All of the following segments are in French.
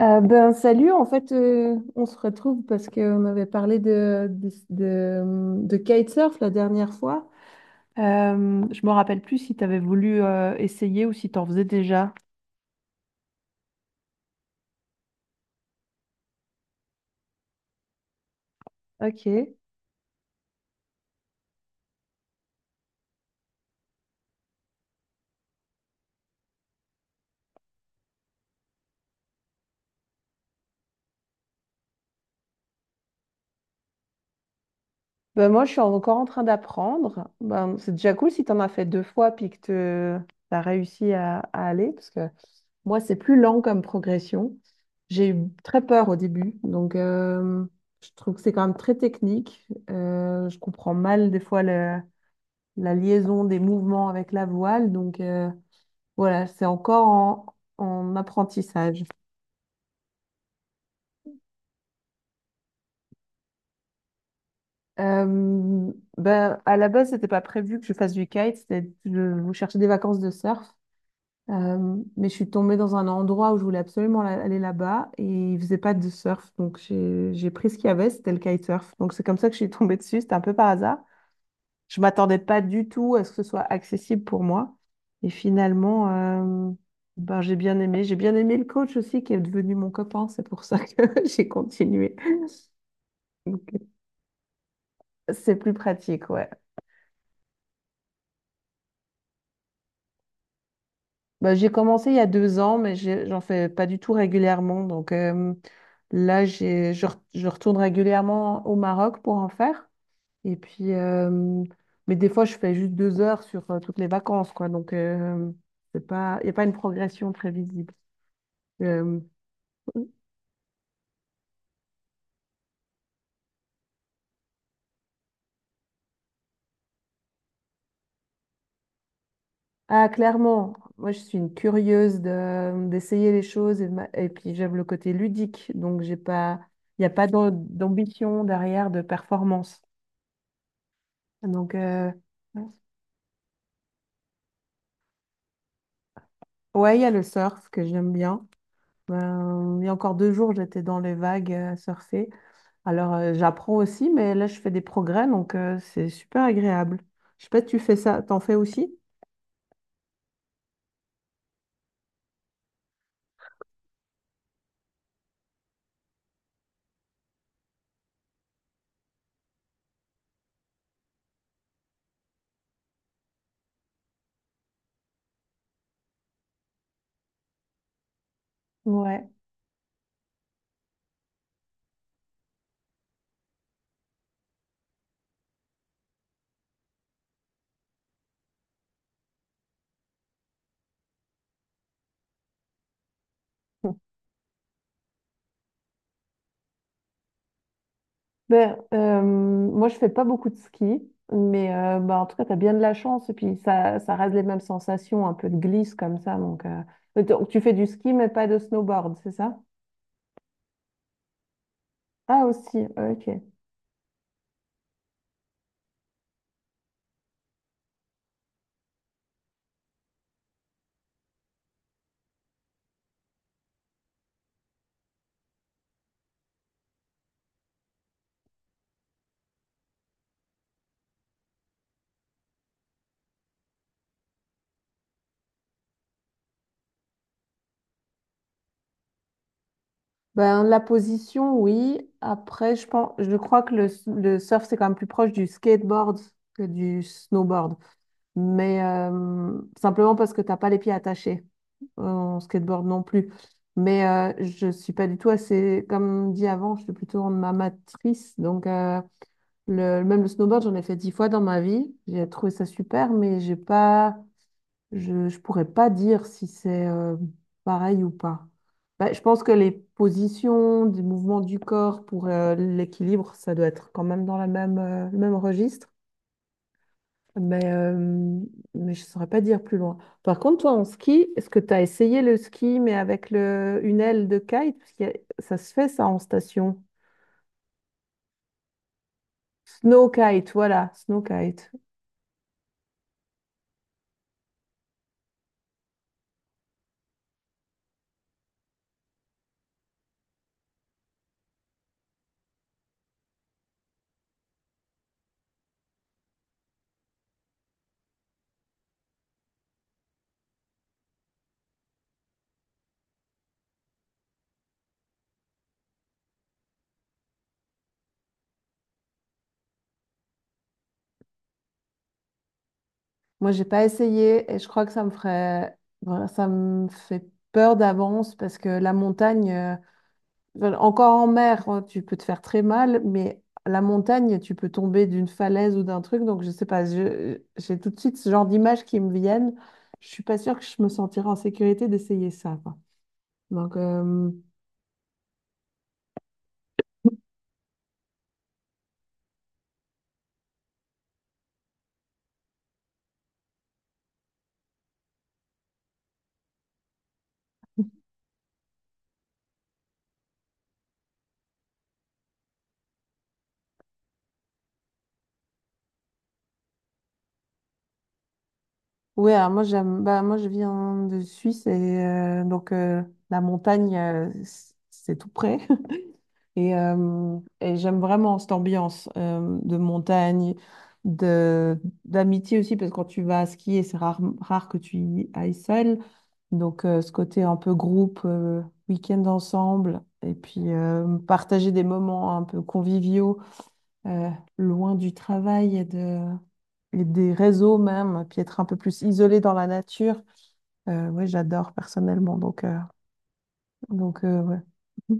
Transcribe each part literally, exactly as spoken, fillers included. Euh, ben salut, en fait euh, on se retrouve parce qu'on avait parlé de, de, de, de kitesurf la dernière fois. Euh, je me rappelle plus si tu avais voulu euh, essayer ou si tu en faisais déjà. Ok. Ben moi je suis encore en train d'apprendre. Ben, c'est déjà cool si tu en as fait deux fois puis que tu as réussi à, à aller parce que moi c'est plus lent comme progression. J'ai eu très peur au début donc euh, je trouve que c'est quand même très technique. Euh, je comprends mal des fois le la liaison des mouvements avec la voile. Donc euh, voilà, c'est encore en, en apprentissage. Euh, ben, à la base, c'était pas prévu que je fasse du kite, c'était, je, je cherchais des vacances de surf. Euh, mais je suis tombée dans un endroit où je voulais absolument la- aller là-bas et il faisait pas de surf. Donc j'ai j'ai pris ce qu'il y avait, c'était le kitesurf. Donc c'est comme ça que je suis tombée dessus, c'était un peu par hasard. Je m'attendais pas du tout à ce que ce soit accessible pour moi. Et finalement, euh, ben, j'ai bien aimé. J'ai bien aimé le coach aussi qui est devenu mon copain. C'est pour ça que j'ai continué. Donc, c'est plus pratique, ouais. Ben, j'ai commencé il y a deux ans, mais j'ai- j'en fais pas du tout régulièrement. Donc euh, là, j'ai, je, re- je retourne régulièrement au Maroc pour en faire. Et puis, euh, mais des fois, je fais juste deux heures sur euh, toutes les vacances, quoi. Donc, euh, c'est pas, il n'y a pas une progression très visible. Euh, Ah, clairement, moi je suis une curieuse de, d'essayer les choses et, de ma- et puis j'aime le côté ludique, donc j'ai pas, il n'y a pas d'am- d'ambition derrière de performance. Donc, euh, ouais, il y a le surf que j'aime bien. Euh, il y a encore deux jours, j'étais dans les vagues euh, à surfer. Alors, euh, j'apprends aussi, mais là je fais des progrès, donc euh, c'est super agréable. Je sais pas, tu fais ça, t'en fais aussi? Ouais. Ben, euh, moi, je fais pas beaucoup de ski, mais euh, ben, en tout cas, tu as bien de la chance. Et puis, ça, ça reste les mêmes sensations, un peu de glisse comme ça. Donc, euh, mais donc, tu fais du ski, mais pas de snowboard, c'est ça? Ah, aussi, ok. Ben, la position, oui. Après, je pense, je crois que le, le surf, c'est quand même plus proche du skateboard que du snowboard. Mais euh, simplement parce que t'as pas les pieds attachés. En skateboard non plus. Mais euh, je suis pas du tout assez, comme dit avant, je suis plutôt en amatrice. Donc, euh, le, même le snowboard, j'en ai fait dix fois dans ma vie. J'ai trouvé ça super, mais j'ai pas, je, je pourrais pas dire si c'est euh, pareil ou pas. Bah, je pense que les positions, des mouvements du corps pour euh, l'équilibre, ça doit être quand même dans la même, euh, le même registre. Mais, euh, mais je ne saurais pas dire plus loin. Par contre, toi, en ski, est-ce que tu as essayé le ski, mais avec le, une aile de kite? Parce que ça se fait, ça, en station. Snow kite, voilà, snow kite. Moi, j'ai pas essayé et je crois que ça me ferait, voilà, ça me fait peur d'avance parce que la montagne, euh, enfin, encore en mer, hein, tu peux te faire très mal, mais à la montagne, tu peux tomber d'une falaise ou d'un truc. Donc, je sais pas, je- j'ai tout de suite ce genre d'images qui me viennent. Je suis pas sûre que je me sentirais en sécurité d'essayer ça, quoi. Donc, euh, ouais, alors moi, j'aime, bah, moi, je viens de Suisse et euh, donc euh, la montagne, euh, c- c'est tout près. Et, euh, et j'aime vraiment cette ambiance euh, de montagne, de, d'amitié aussi, parce que quand tu vas skier, c'est rare, rare que tu y ailles seul. Donc, euh, ce côté un peu groupe, euh, week-end ensemble, et puis euh, partager des moments un peu conviviaux, euh, loin du travail et, de, et des réseaux même, puis être un peu plus isolé dans la nature. Euh, ouais, j'adore personnellement. Donc, euh, donc euh, ouais.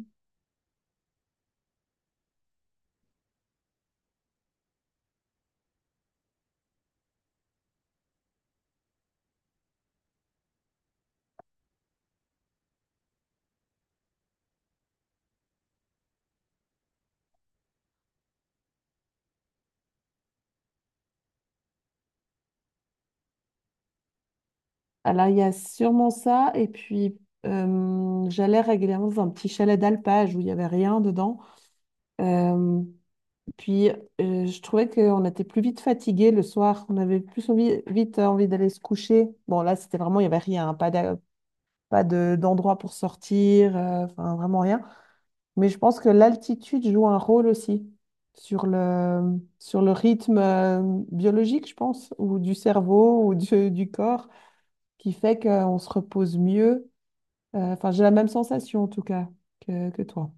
Alors, il y a sûrement ça. Et puis, euh, j'allais régulièrement dans un petit chalet d'alpage où il n'y avait rien dedans. Euh, Puis, euh, je trouvais qu'on était plus vite fatigué le soir. On avait plus envie- vite euh, envie d'aller se coucher. Bon, là, c'était vraiment, il n'y avait rien, hein. Pas d'a- pas de, d'endroit pour sortir. euh, Enfin, vraiment rien. Mais je pense que l'altitude joue un rôle aussi sur le, sur le rythme euh, biologique, je pense, ou du cerveau ou du du corps qui fait qu'on se repose mieux. euh, Enfin, j'ai la même sensation en tout cas que, que toi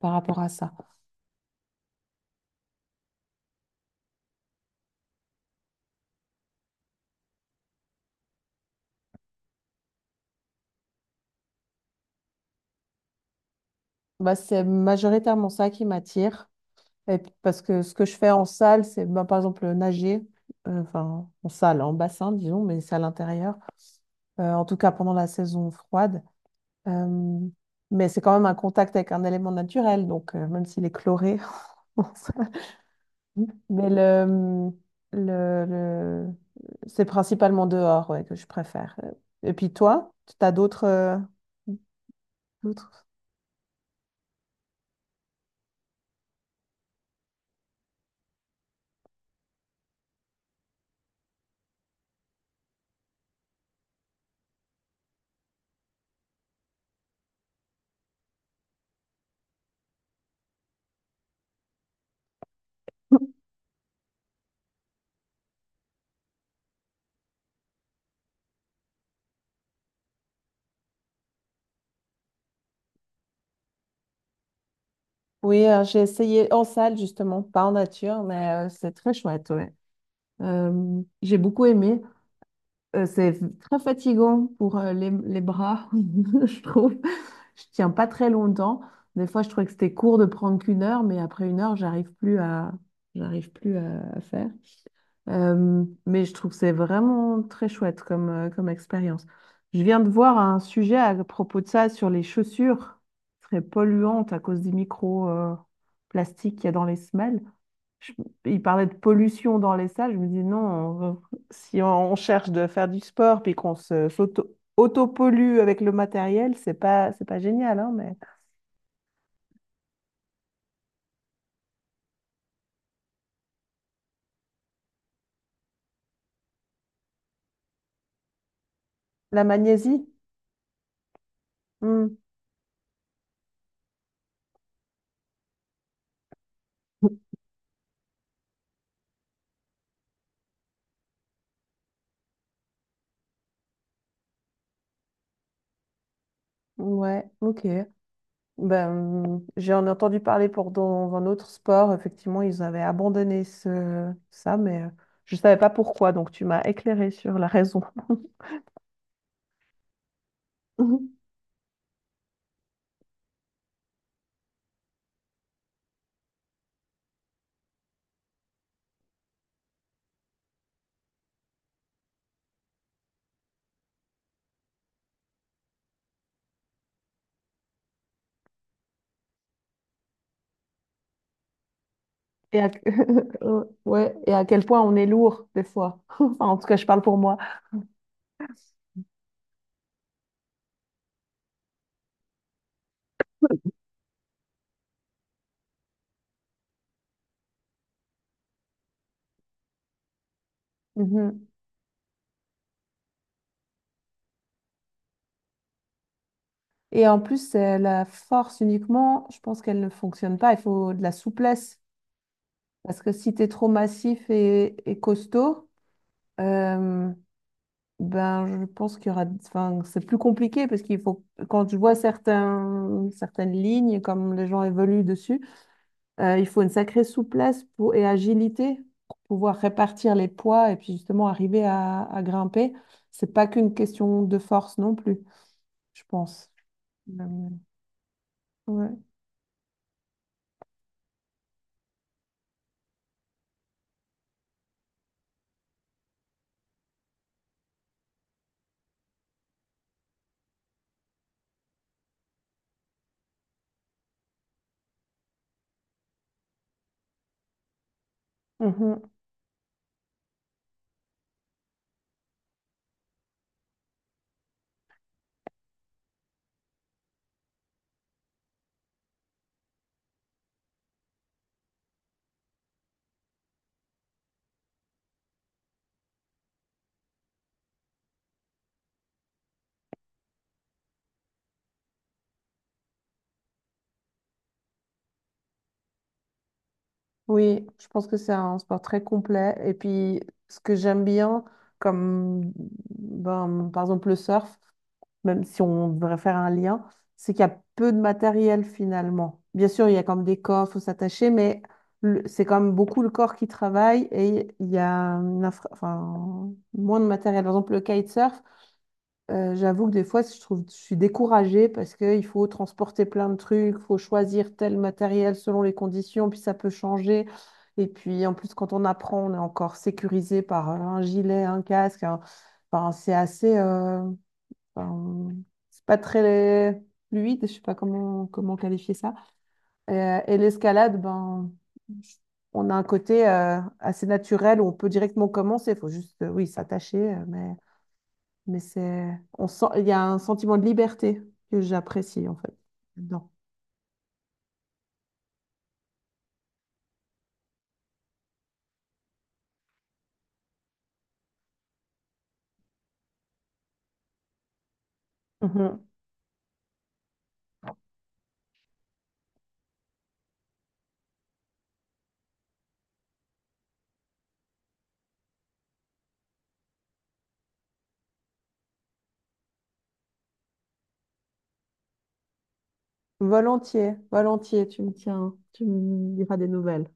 par rapport à ça. Bah, c'est majoritairement ça qui m'attire. Et puis, parce que ce que je fais en salle, c'est bah, par exemple nager, euh, enfin en salle, en bassin, disons, mais c'est à l'intérieur. Euh, en tout cas pendant la saison froide. Euh, mais c'est quand même un contact avec un élément naturel, donc euh, même s'il est chloré. On s'en fout. Mais le, le, le- c'est principalement dehors ouais, que je préfère. Et puis toi, tu as d'autres. euh, L'autre. Oui, euh, j'ai essayé en salle justement, pas en nature, mais euh, c'est très chouette, ouais. Euh, j'ai beaucoup aimé. Euh, c'est très fatigant pour euh, les, les bras, je trouve. Je tiens pas très longtemps. Des fois, je trouvais que c'était court de prendre qu'une heure, mais après une heure, j'arrive plus à, j'arrive plus à, à faire. Euh, mais je trouve que c'est vraiment très chouette comme, euh, comme expérience. Je viens de voir un sujet à propos de ça sur les chaussures très polluantes à cause des micro-plastiques qu'il y a dans les semelles. Je- il parlait de pollution dans les salles. Je me dis non, on- si on cherche de faire du sport puis qu'on se, s'auto, pollue avec le matériel, c'est pas, c'est pas génial, hein, mais la magnésie. Hmm. Ouais, ok. Ben, j'en ai entendu parler pour dans un autre sport. Effectivement, ils avaient abandonné ce, ça, mais euh, je ne savais pas pourquoi. Donc, tu m'as éclairé sur la raison. Mhm. Et à... ouais, et à quel point on est lourd des fois. Enfin, en tout cas, je parle pour moi. Mhm. Et en plus, euh, la force uniquement, je pense qu'elle ne fonctionne pas. Il faut de la souplesse. Parce que si tu es trop massif et, et costaud, euh, ben, je pense qu'il y aura, enfin, c'est plus compliqué parce qu'il faut, quand je vois certains, certaines lignes, comme les gens évoluent dessus, euh, il faut une sacrée souplesse pour, et agilité pour pouvoir répartir les poids et puis justement arriver à, à grimper. C'est pas qu'une question de force non plus, je pense. Euh, ouais. Mhm. Oui, je pense que c'est un sport très complet. Et puis, ce que j'aime bien, comme ben, par exemple le surf, même si on devrait faire un lien, c'est qu'il y a peu de matériel finalement. Bien sûr, il y a comme des corps, il faut s'attacher, mais le- c'est quand même beaucoup le corps qui travaille et il y a une infra- enfin, moins de matériel. Par exemple, le kitesurf, euh, j'avoue que des fois, je trouve, je suis découragée parce qu'il faut transporter plein de trucs, il faut choisir tel matériel selon les conditions, puis ça peut changer. Et puis, en plus, quand on apprend, on est encore sécurisé par un gilet, un casque. un- Enfin, c'est assez. euh, Enfin, c'est pas très fluide, je sais pas comment, comment qualifier ça. Euh, et l'escalade, ben, on a un côté euh, assez naturel où on peut directement commencer. Il faut juste, euh, oui, s'attacher, euh, mais, mais c'est, on sent, il y a un sentiment de liberté que j'apprécie en fait. Dedans. Mhm. Volontiers, volontiers, tu me tiens, tu me diras des nouvelles.